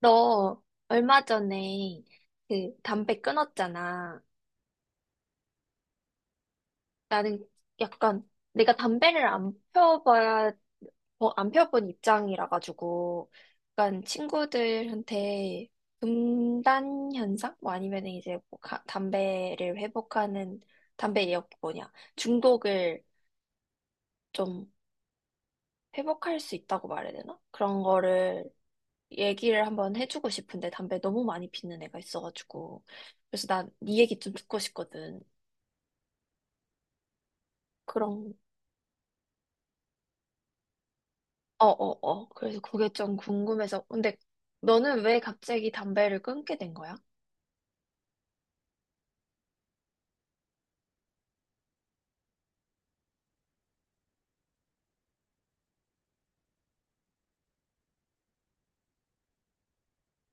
너 얼마 전에 그 담배 끊었잖아. 나는 약간 내가 담배를 안 펴봐야, 어, 안 펴본 입장이라 가지고 약간 친구들한테 금단 현상? 뭐 아니면 이제 뭐 담배를 회복하는 담배 역 뭐냐 중독을 좀 회복할 수 있다고 말해야 되나? 그런 거를 얘기를 한번 해주고 싶은데 담배 너무 많이 피는 애가 있어가지고. 그래서 난 네 얘기 좀 듣고 싶거든. 그런, 어어어 그래서 그게 좀 궁금해서. 근데 너는 왜 갑자기 담배를 끊게 된 거야?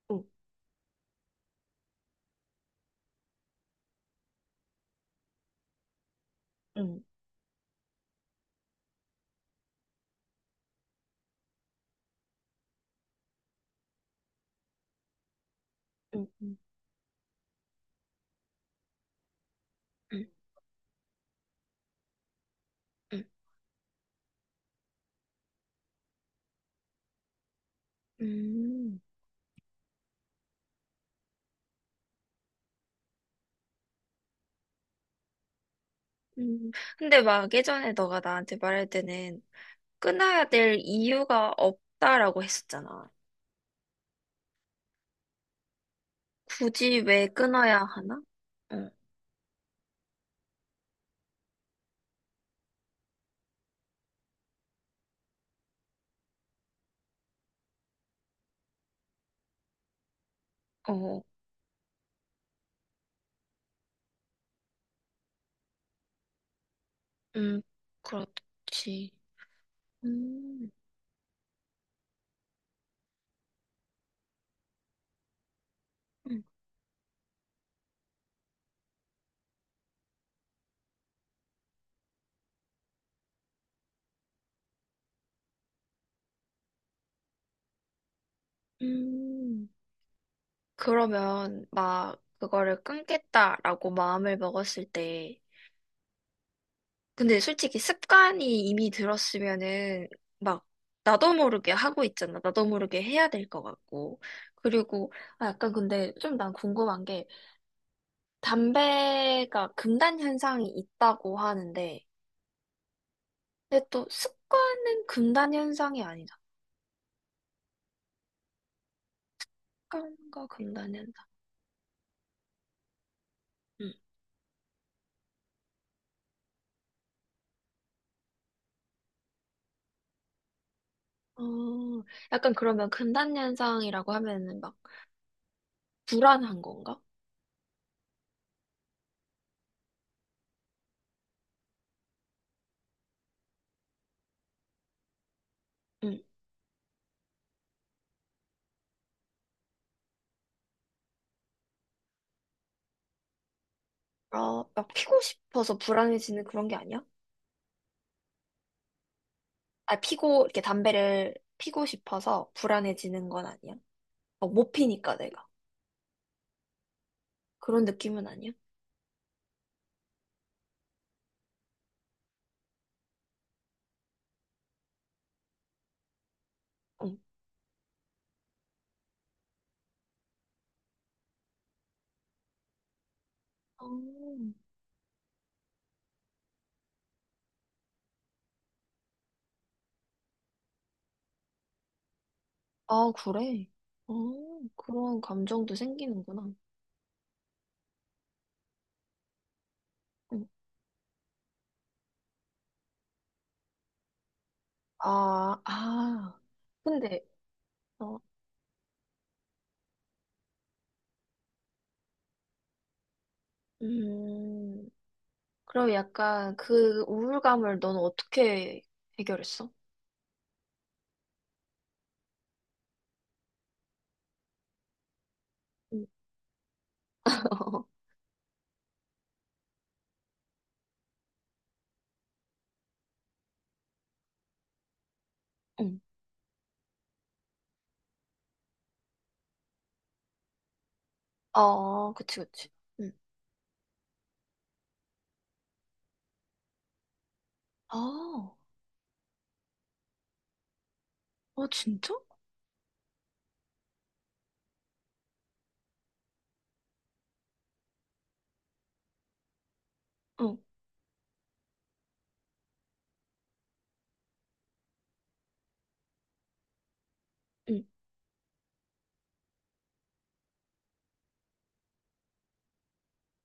응, 응, 응, 응, 응, 응. 음, 음. 근데 막 예전에 너가 나한테 말할 때는 끊어야 될 이유가 없다라고 했었잖아. 굳이 왜 끊어야 하나? 응. 어, 음, 그렇지. 음, 음, 음. 그러면 막 그거를 끊겠다라고 마음을 먹었을 때, 근데 솔직히 습관이 이미 들었으면은 막 나도 모르게 하고 있잖아. 나도 모르게 해야 될 것 같고. 그리고 아, 약간 근데 좀 난 궁금한 게, 담배가 금단 현상이 있다고 하는데, 근데 또 습관은 금단 현상이 아니다. 습관과 금단 현상. 어, 약간 그러면 금단현상이라고 하면은 막 불안한 건가? 응. 어, 막 피고 싶어서 불안해지는 그런 게 아니야? 아, 피고, 이렇게 담배를 피고 싶어서 불안해지는 건 아니야? 어, 못 피니까 내가. 그런 느낌은 아니야? 응. 어, 아, 그래. 어, 그런 감정도 생기는구나. 응. 아, 아. 근데, 어, 음, 그럼 약간 그 우울감을 넌 어떻게 해결했어? 어, 응. 어, 그치, 그치. 응. 아, 어, 진짜? 응. 응.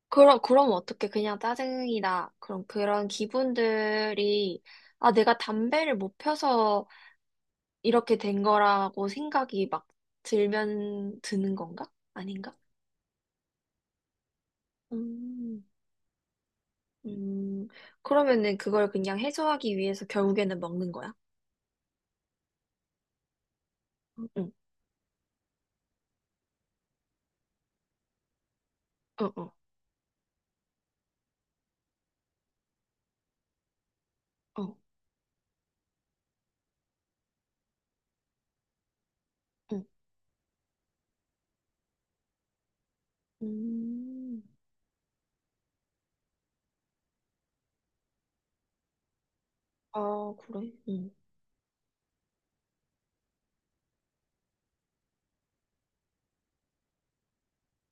그럼 어떻게 그냥 짜증이나 그런, 그런 기분들이, 아, 내가 담배를 못 펴서 이렇게 된 거라고 생각이 막 들면 드는 건가? 아닌가? 음, 음, 그러면은 그걸 그냥 해소하기 위해서 결국에는 먹는 거야? 응, 응, 응, 응, 응. 음, 아, 그래?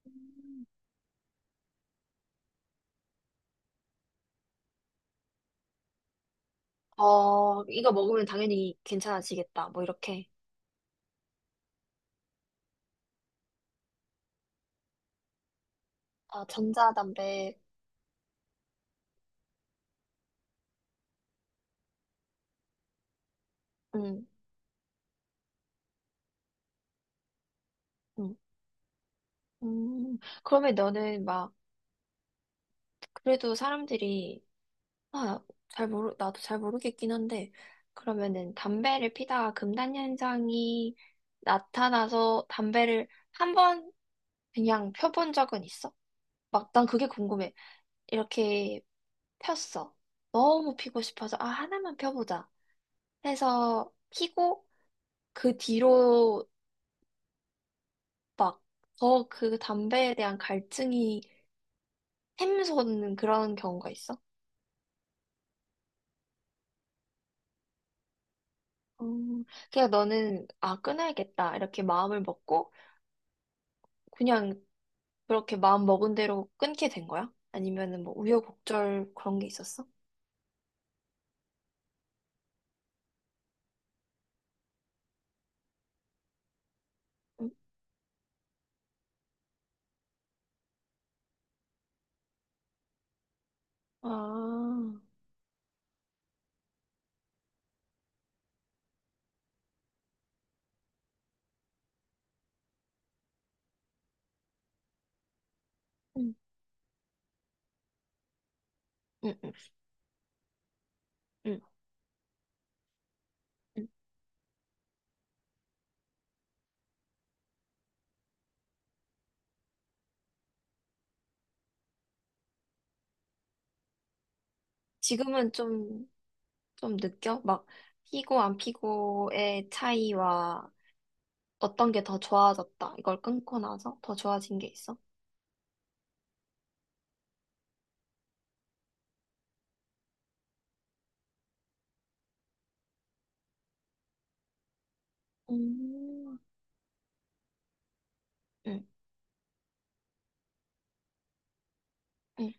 응. 어, 이거 먹으면 당연히 괜찮아지겠다, 뭐 이렇게. 아, 전자담배. 음, 음, 음. 그러면 너는 막 그래도 사람들이, 아, 잘 모르 나도 잘 모르겠긴 한데, 그러면은 담배를 피다가 금단 현상이 나타나서 담배를 한 번 그냥 펴본 적은 있어? 막 난 그게 궁금해. 이렇게 폈어. 너무 피고 싶어서, 아, 하나만 펴보자, 해서 피고, 그 뒤로 막, 더 그 담배에 대한 갈증이 샘솟는 그런 경우가 있어? 음, 그냥 너는, 아, 끊어야겠다, 이렇게 마음을 먹고, 그냥 그렇게 마음 먹은 대로 끊게 된 거야? 아니면은 뭐 우여곡절 그런 게 있었어? 응? 아, 응, 응, 응, 응. 응. 지금은 좀, 좀 느껴? 막, 피고 안 피고의 차이와 어떤 게 더 좋아졌다. 이걸 끊고 나서 더 좋아진 게 있어? 음, 응, 응,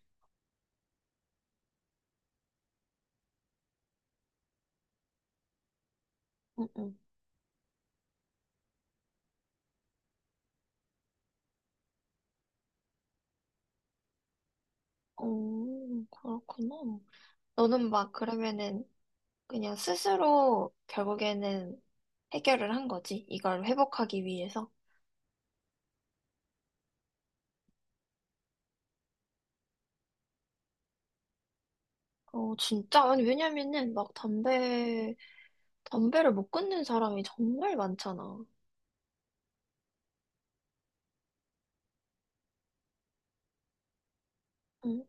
응, 응. 오, 그렇구나. 너는 막 그러면은 그냥 스스로 결국에는 해결을 한 거지. 이걸 회복하기 위해서. 어, 진짜? 아니, 왜냐면은 막 담배, 담배를 못 끊는 사람이 정말 많잖아. 응,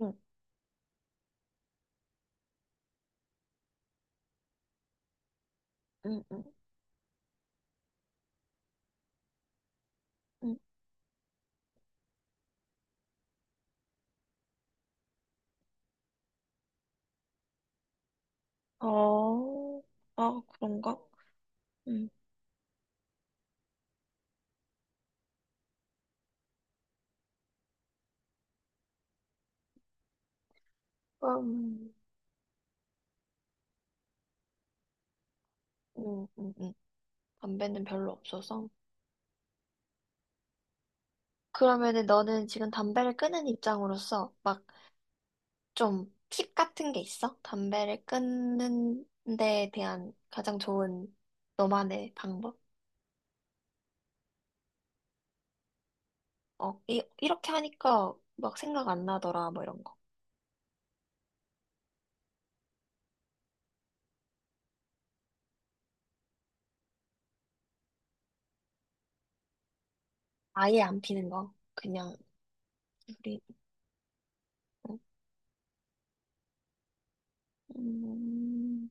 응, 응, 응, 응. 어, 아, 그런가? 응. 그럼, 응, 응, 응. 담배는 별로 없어서. 그러면은 너는 지금 담배를 끊은 입장으로서 막 좀 팁 같은 게 있어? 담배를 끊는 데 대한 가장 좋은 너만의 방법? 어, 이렇게 하니까 막 생각 안 나더라, 뭐 이런 거. 아예 안 피는 거. 그냥, 우리, 음,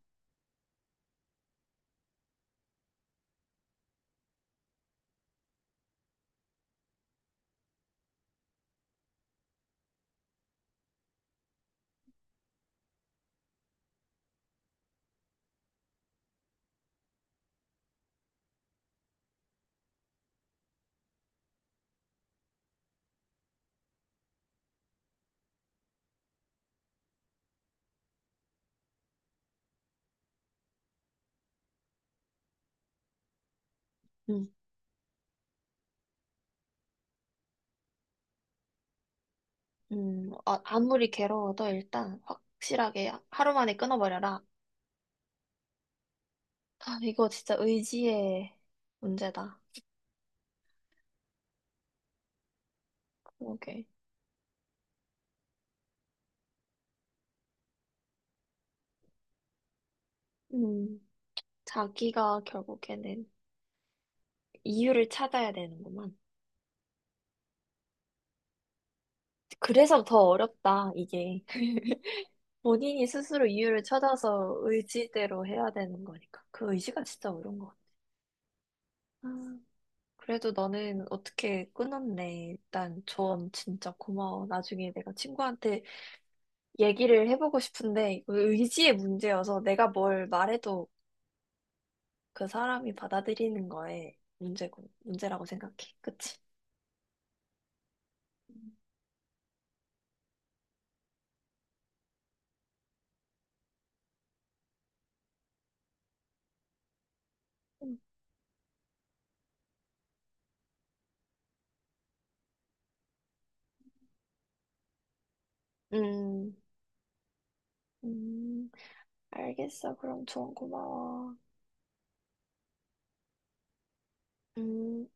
음, 아무리 괴로워도 일단 확실하게 하루 만에 끊어버려라. 아, 이거 진짜 의지의 문제다. 그게 음, 자기가 결국에는 이유를 찾아야 되는구만. 그래서 더 어렵다, 이게. 본인이 스스로 이유를 찾아서 의지대로 해야 되는 거니까. 그 의지가 진짜 어려운 것 같아. 아, 그래도 너는 어떻게 끊었네. 일단 조언 진짜 고마워. 나중에 내가 친구한테 얘기를 해보고 싶은데, 이거 의지의 문제여서 내가 뭘 말해도 그 사람이 받아들이는 거에 문제고, 문제라고 생각해. 그치? 음, 음, 음, 알겠어. 그럼 조언 고마워. 음.